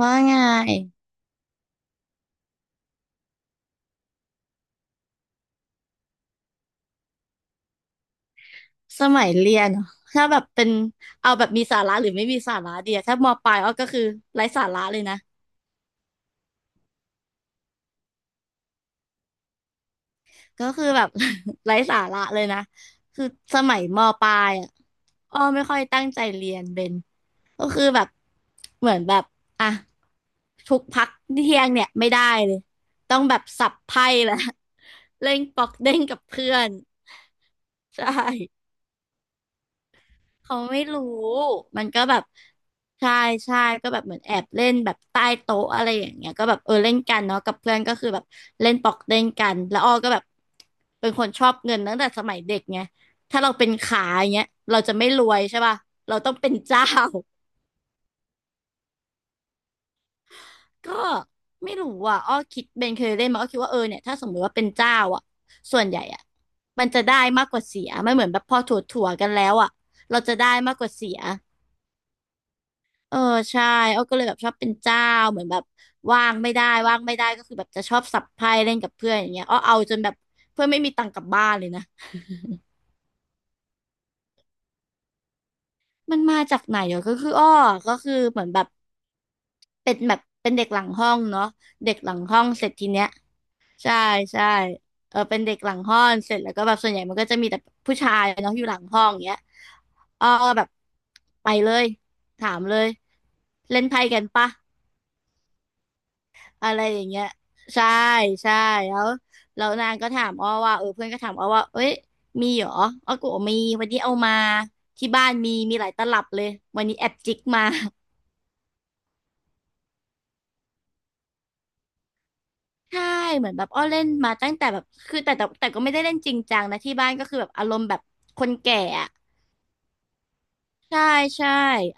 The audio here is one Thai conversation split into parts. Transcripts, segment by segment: ว่าไงสมัยเรียนเหรอถ้าแบบเป็นเอาแบบมีสาระหรือไม่มีสาระเดียถ้ามปลายอ้อก็คือไร้สาระเลยนะก็คือแบบ ไร้สาระเลยนะคือสมัยมปลายอ่ะอ้อไม่ค่อยตั้งใจเรียนเบนก็คือแบบเหมือนแบบอ่ะทุกพักเที่ยงเนี่ยไม่ได้เลยต้องแบบสับไพ่แล้ว เล่นป๊อกเด้งกับเพื่อนใช่ เขาไม่รู้มันก็แบบใช่ใช่ก็แบบเหมือนแอบเล่นแบบใต้โต๊ะอะไรอย่างเงี้ยก็แบบเออเล่นกันเนาะกับเพื่อนก็คือแบบเล่นปอกเล่นกันแล้วอ้อก็แบบเป็นคนชอบเงินตั้งแต่สมัยเด็กไงถ้าเราเป็นขาอย่างเงี้ยเราจะไม่รวยใช่ป่ะเราต้องเป็นเจ้า ก็ไม่รู้อ่ะอ้อคิดเบนเคยเล่นมาอ้อคิดว่าเออเนี่ยถ้าสมมติว่าเป็นเจ้าอ่ะส่วนใหญ่อ่ะมันจะได้มากกว่าเสียไม่เหมือนแบบพอถั่วๆกันแล้วอ่ะเราจะได้มากกว่าเสีย เออใช่อ้อก็เลยแบบชอบเป็นเจ้าเหมือนแบบว่างไม่ได้ก็คือแบบจะชอบสับไพ่เล่นกับเพื่อนอย่างเงี้ยอ้อเอาจนแบบเพื่อนไม่มีตังค์กลับบ้านเลยนะมันมาจากไหนเหรอก็คืออ้อก็คือเหมือนแบบเป็นแบบเป็นเด็กหลังห้องเนาะเด็กหลังห้องเสร็จทีเนี้ยใช่ใช่เออเป็นเด็กหลังห้องเสร็จแล้วก็แบบส่วนใหญ่มันก็จะมีแต่ผู้ชายเนาะอยู่หลังห้องเงี้ยอ้อก็แบบไปเลยถามเลยเล่นไพ่กันปะ อะไรอย่างเงี้ยใช่ใช่แล้วแล้วนางก็ถามอ้อว่าเออเพื่อนก็ถามอ้อว่าเอ้ยมีเหรออ้อก็บอกมีวันนี้เอามาที่บ้านมีมีหลายตลับเลยวันนี้แอบจิกมา ใช่เหมือนแบบอ้อเล่นมาตั้งแต่แบบคือแต่ก็ไม่ได้เล่นจริงจังนะที่บ้านก็คือแบบอารมณ์แบบคนแก่อะ ใช่ใช่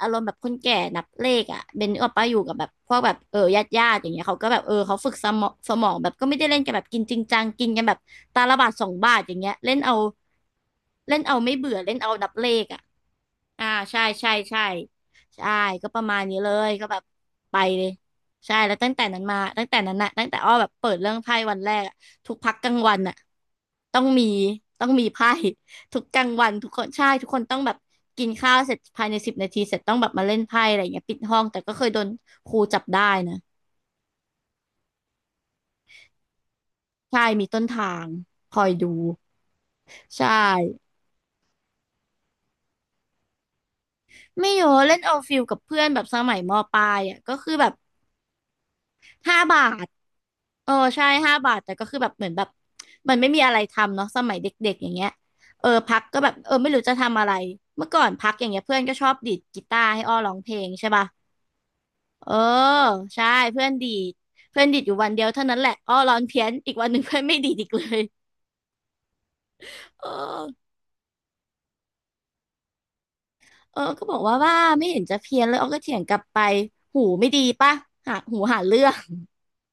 อารมณ์แบบคนแก่นับเลขอ่ะเบนนึกออกปะอยู่กับแบบพวกแบบเออญาติญาติอย่างเงี้ยเขาก็แบบเออเขาฝึกสมองแบบก็ไม่ได้เล่นกันแบบกินจริงจังกินกันแบบตาละบาทสองบาทอย่างเงี้ยเล่นเอาเล่นเอาไม่เบื่อเล่นเอานับเลขอ่ะอ่าใช่ใช่ใช่ใช่ก็ประมาณนี้เลยก็แบบไปเลยใช่แล้วตั้งแต่นั้นมาตั้งแต่นั้นน่ะตั้งแต่อ้อแบบเปิดเรื่องไพ่วันแรกอะทุกพักกลางวันน่ะต้องมีต้องมีไพ่ ทุกกลางวันทุกคนใช่ทุกคนต้องแบบกินข้าวเสร็จภายในสิบนาทีเสร็จต้องแบบมาเล่นไพ่อะไรอย่างเงี้ยปิดห้องแต่ก็เคยโดนครูจับได้นะใช่มีต้นทางคอยดูใช่ไม่เยอะเล่นเอาฟิลกับเพื่อนแบบสมัยมปลายอ่ะก็คือแบบห้าบาทเออใช่ห้าบาทแต่ก็คือแบบเหมือนแบบมันไม่มีอะไรทำเนาะสมัยเด็กๆอย่างเงี้ยเออพักก็แบบเออไม่รู้จะทำอะไรเมื่อก่อนพักอย่างเงี้ยเพื่อนก็ชอบดีดกีตาร์ให้อ้อร้องเพลงใช่ป่ะ เออใช่เพื่อนเพื่อนดีดอยู่วันเดียวเท่านั้นแหละอ้อร้อนเพี้ยนอีกวันหนึ่งเพื่อนไม่ดีดอีกเลยเออเออก็บอกว่าไม่เห็นจะเพี้ยนเลยอ้อก็เถียงกลับไปหูไม่ดีปะหาหูหาเรื่อง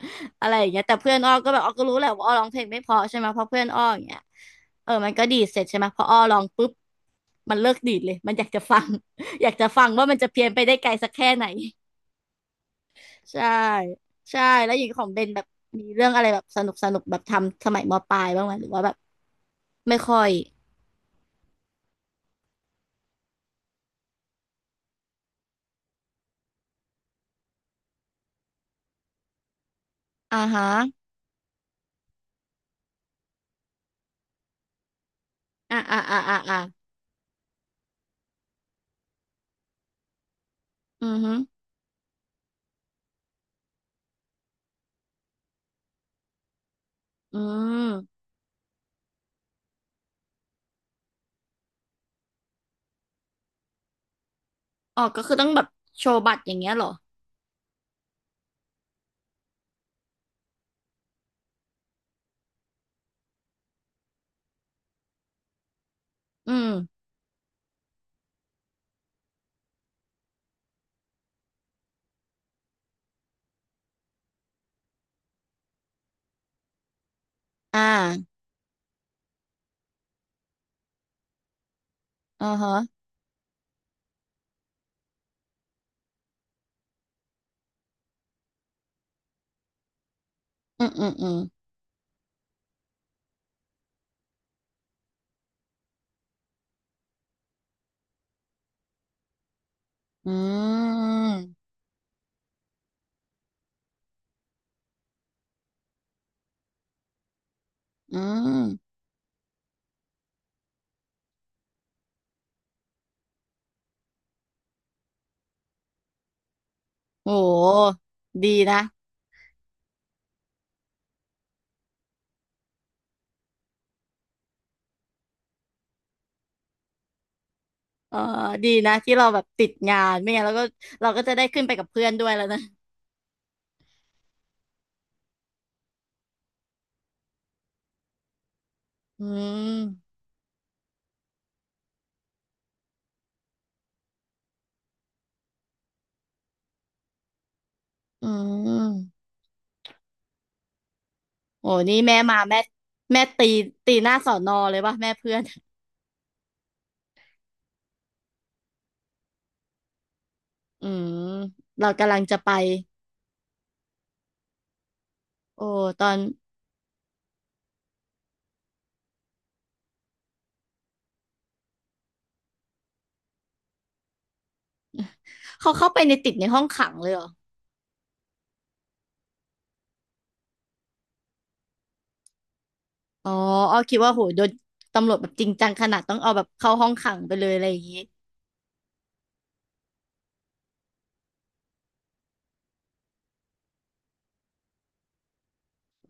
อะไรอย่างเงี้ยแต่เพื่อนอ้อก็แบบอ้อก็รู้แหละว่าอ้อร้องเพลงไม่เพอใช่ไหมเพราะเพื่อนอ้ออย่างเงี้ยเออมันก็ดีดเสร็จใช่ไหมพออ้อร้องปุ๊บมันเลิกดีดเลยมันอยากจะฟัง อยากจะฟังว่ามันจะเพี้ยนไปได้ไกลสักแค่ไหน ใช่ใช่แล้วอย่างของเบนแบบมีเรื่องอะไรแบบสนุกสนุกแบบทำสมัยมปลายบ้างไหมหรือว่าแบบไม่ค่อยอ่าฮะอ่าอ่าอ่าอ่าอ่าอือฮึอืมอ๋อก็คือต้องแบบโชว์บัตรอย่างเงี้ยเหรออืมอ่าอ่าฮะอืมอืมอืมอืมอืมโหดีนะเออดีนะที่เราแบบติดงานไม่งั้นเราก็เราก็จะได้ขึ้นไปกับเพื่อนด้วยแล้วนะอืมอืม โอ้นี่แม่มาแม่แม่ตีตีหน้าสอนอเลยป่ะแม่เพื่อนอืมเรากำลังจะไปโอ้ตอนเขาเข้าไปในติดในห้องขังเลยเหรออ๋ออ้อคิดว่าโหโดนตำรวจแบบจริงจังขนาดต้องเอาแบบเข้าห้องขังไปเลยอะไรอย่างงี้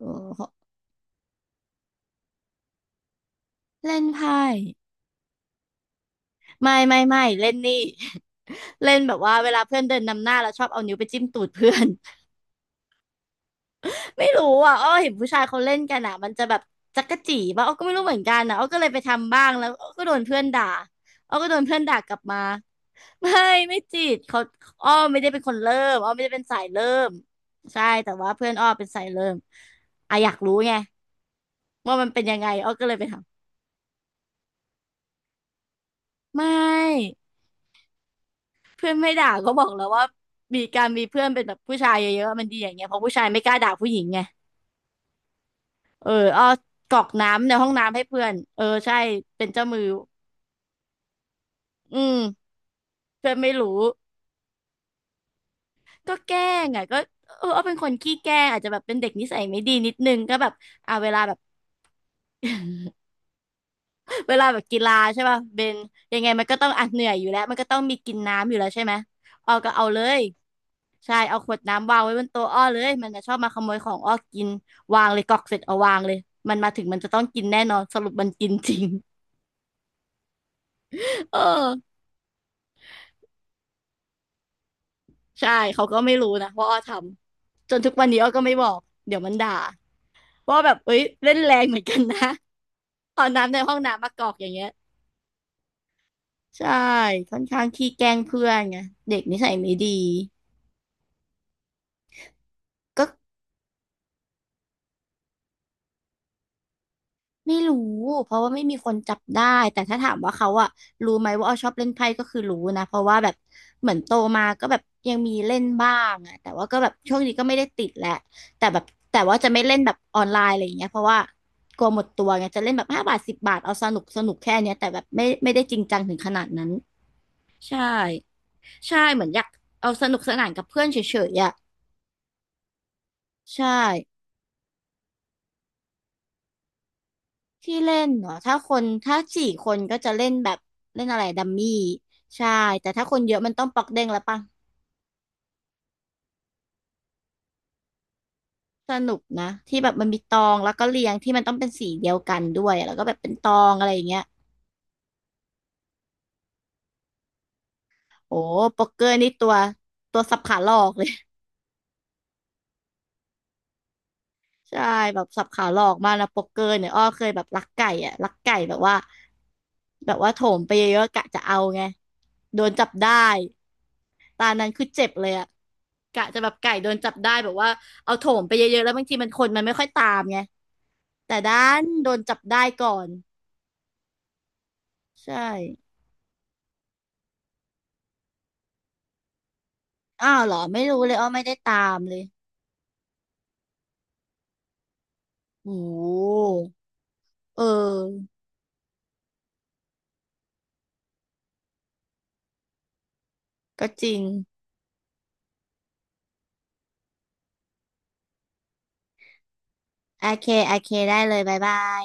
โอ้เล่นไพ่ไม่เล่นนี่ เล่นแบบว่าเวลาเพื่อนเดินนำหน้าแล้วชอบเอานิ้วไปจิ้มตูดเพื่อน ไม่รู้อ่ะอ้อเห็นผู้ชายเขาเล่นกันอ่ะมันจะแบบจั๊กจี้ป่ะอ้อก็ไม่รู้เหมือนกันนะอ้อก็เลยไปทำบ้างแล้วอ้อก็โดนเพื่อนด่าอ้อก็โดนเพื่อนด่ากลับมาไม่ไม่จีบเขาอ้อไม่ได้เป็นคนเริ่มอ้อไม่ได้เป็นสายเริ่มใช่แต่ว่าเพื่อนอ้อเป็นสายเริ่มอ่ะอยากรู้ไงว่ามันเป็นยังไงอ้อก็เลยไปทำไม่เพื่อนไม่ด่าก็บอกแล้วว่ามีการมีเพื่อนเป็นแบบผู้ชายเยอะๆมันดีอย่างเงี้ยเพราะผู้ชายไม่กล้าด่าผู้หญิงไงเอออ้อกรอกน้ำในห้องน้ำให้เพื่อนเออใช่เป็นเจ้ามือ อืมเพื่อนไม่รู้ก็แกล้งอ่ะก็เออเอาเป็นคนขี้แกล้งอาจจะแบบเป็นเด็กนิสัยไม่ดีนิดนึงก็แบบอ่าเวลาแบบ เวลาแบบกีฬาใช่ป่ะเบนยังไงมันก็ต้องอ่ะเหนื่อยอยู่แล้วมันก็ต้องมีกินน้ำอยู่แล้วใช่ไหมออก็เอาเลยใช่เอาขวดน้ำวางไว้บนโต๊ะอ้อเลยมันจะชอบมาขโมยของอ้อกินวางเลยกรอกเสร็จเอาวางเลยมันมาถึงมันจะต้องกินแน่นอนสรุปมันกินจริง เออใช่เขาก็ไม่รู้นะว่าอ้อทำจนทุกวันนี้อ้อก็ไม่บอกเดี๋ยวมันด่าว่าแบบเอ้ยเล่นแรงเหมือนกันนะ เอาน้ำในห้องน้ำมากรอกอย่างเงี้ยใช่ค่อนข้างขี้แกล้งเพื่อนไงเด็กนิสัยไม่ดีก็ไม่รู้เพราะว่าไม่มีคนจับได้แต่ถ้าถามว่าเขาอะรู้ไหมว่าอ้อชอบเล่นไพ่ก็คือรู้นะเพราะว่าแบบเหมือนโตมาก็แบบยังมีเล่นบ้างอะแต่ว่าก็แบบช่วงนี้ก็ไม่ได้ติดแหละแต่แบบแต่ว่าจะไม่เล่นแบบออนไลน์อะไรอย่างเงี้ยเพราะว่ากลัวหมดตัวไงจะเล่นแบบ5 บาท10 บาทเอาสนุกสนุกแค่เนี้ยแต่แบบไม่ได้จริงจังถึงขนาดนั้นใช่ใช่เหมือนอยากเอาสนุกสนานกับเพื่อนเฉยๆอะ ใช่ที่เล่นเนาะถ้าคนถ้า4 คนก็จะเล่นแบบเล่นอะไรดัมมี่ใช่แต่ถ้าคนเยอะมันต้องปอกเด้งแล้วปะสนุกนะที่แบบมันมีตองแล้วก็เรียงที่มันต้องเป็นสีเดียวกันด้วยแล้วก็แบบเป็นตองอะไรอย่างเงี้ยโอ้โป๊กเกอร์นี่ตัวสับขาหลอกเลย ใช่แบบสับขาหลอกมากนะโป๊กเกอร์เนี่ยอ้อเคยแบบลักไก่อะลักไก่แบบว่าแบบว่าโถมไปเยอะๆกะจะเอาไงโดนจับได้ ตานั้นคือเจ็บเลยอะกะจะแบบไก่โดนจับได้แบบว่าเอาโถมไปเยอะๆแล้วบางทีมันคนมันไม่ค่อยตามไงแต่ด้านโดนจับได้ก่อนใช่อ้าวเหรอไม่รู้เลยอ้อไม่ได้ตามเลยโอ้โหเออก็จริงโอเคโอเคได้เลยบ๊ายบาย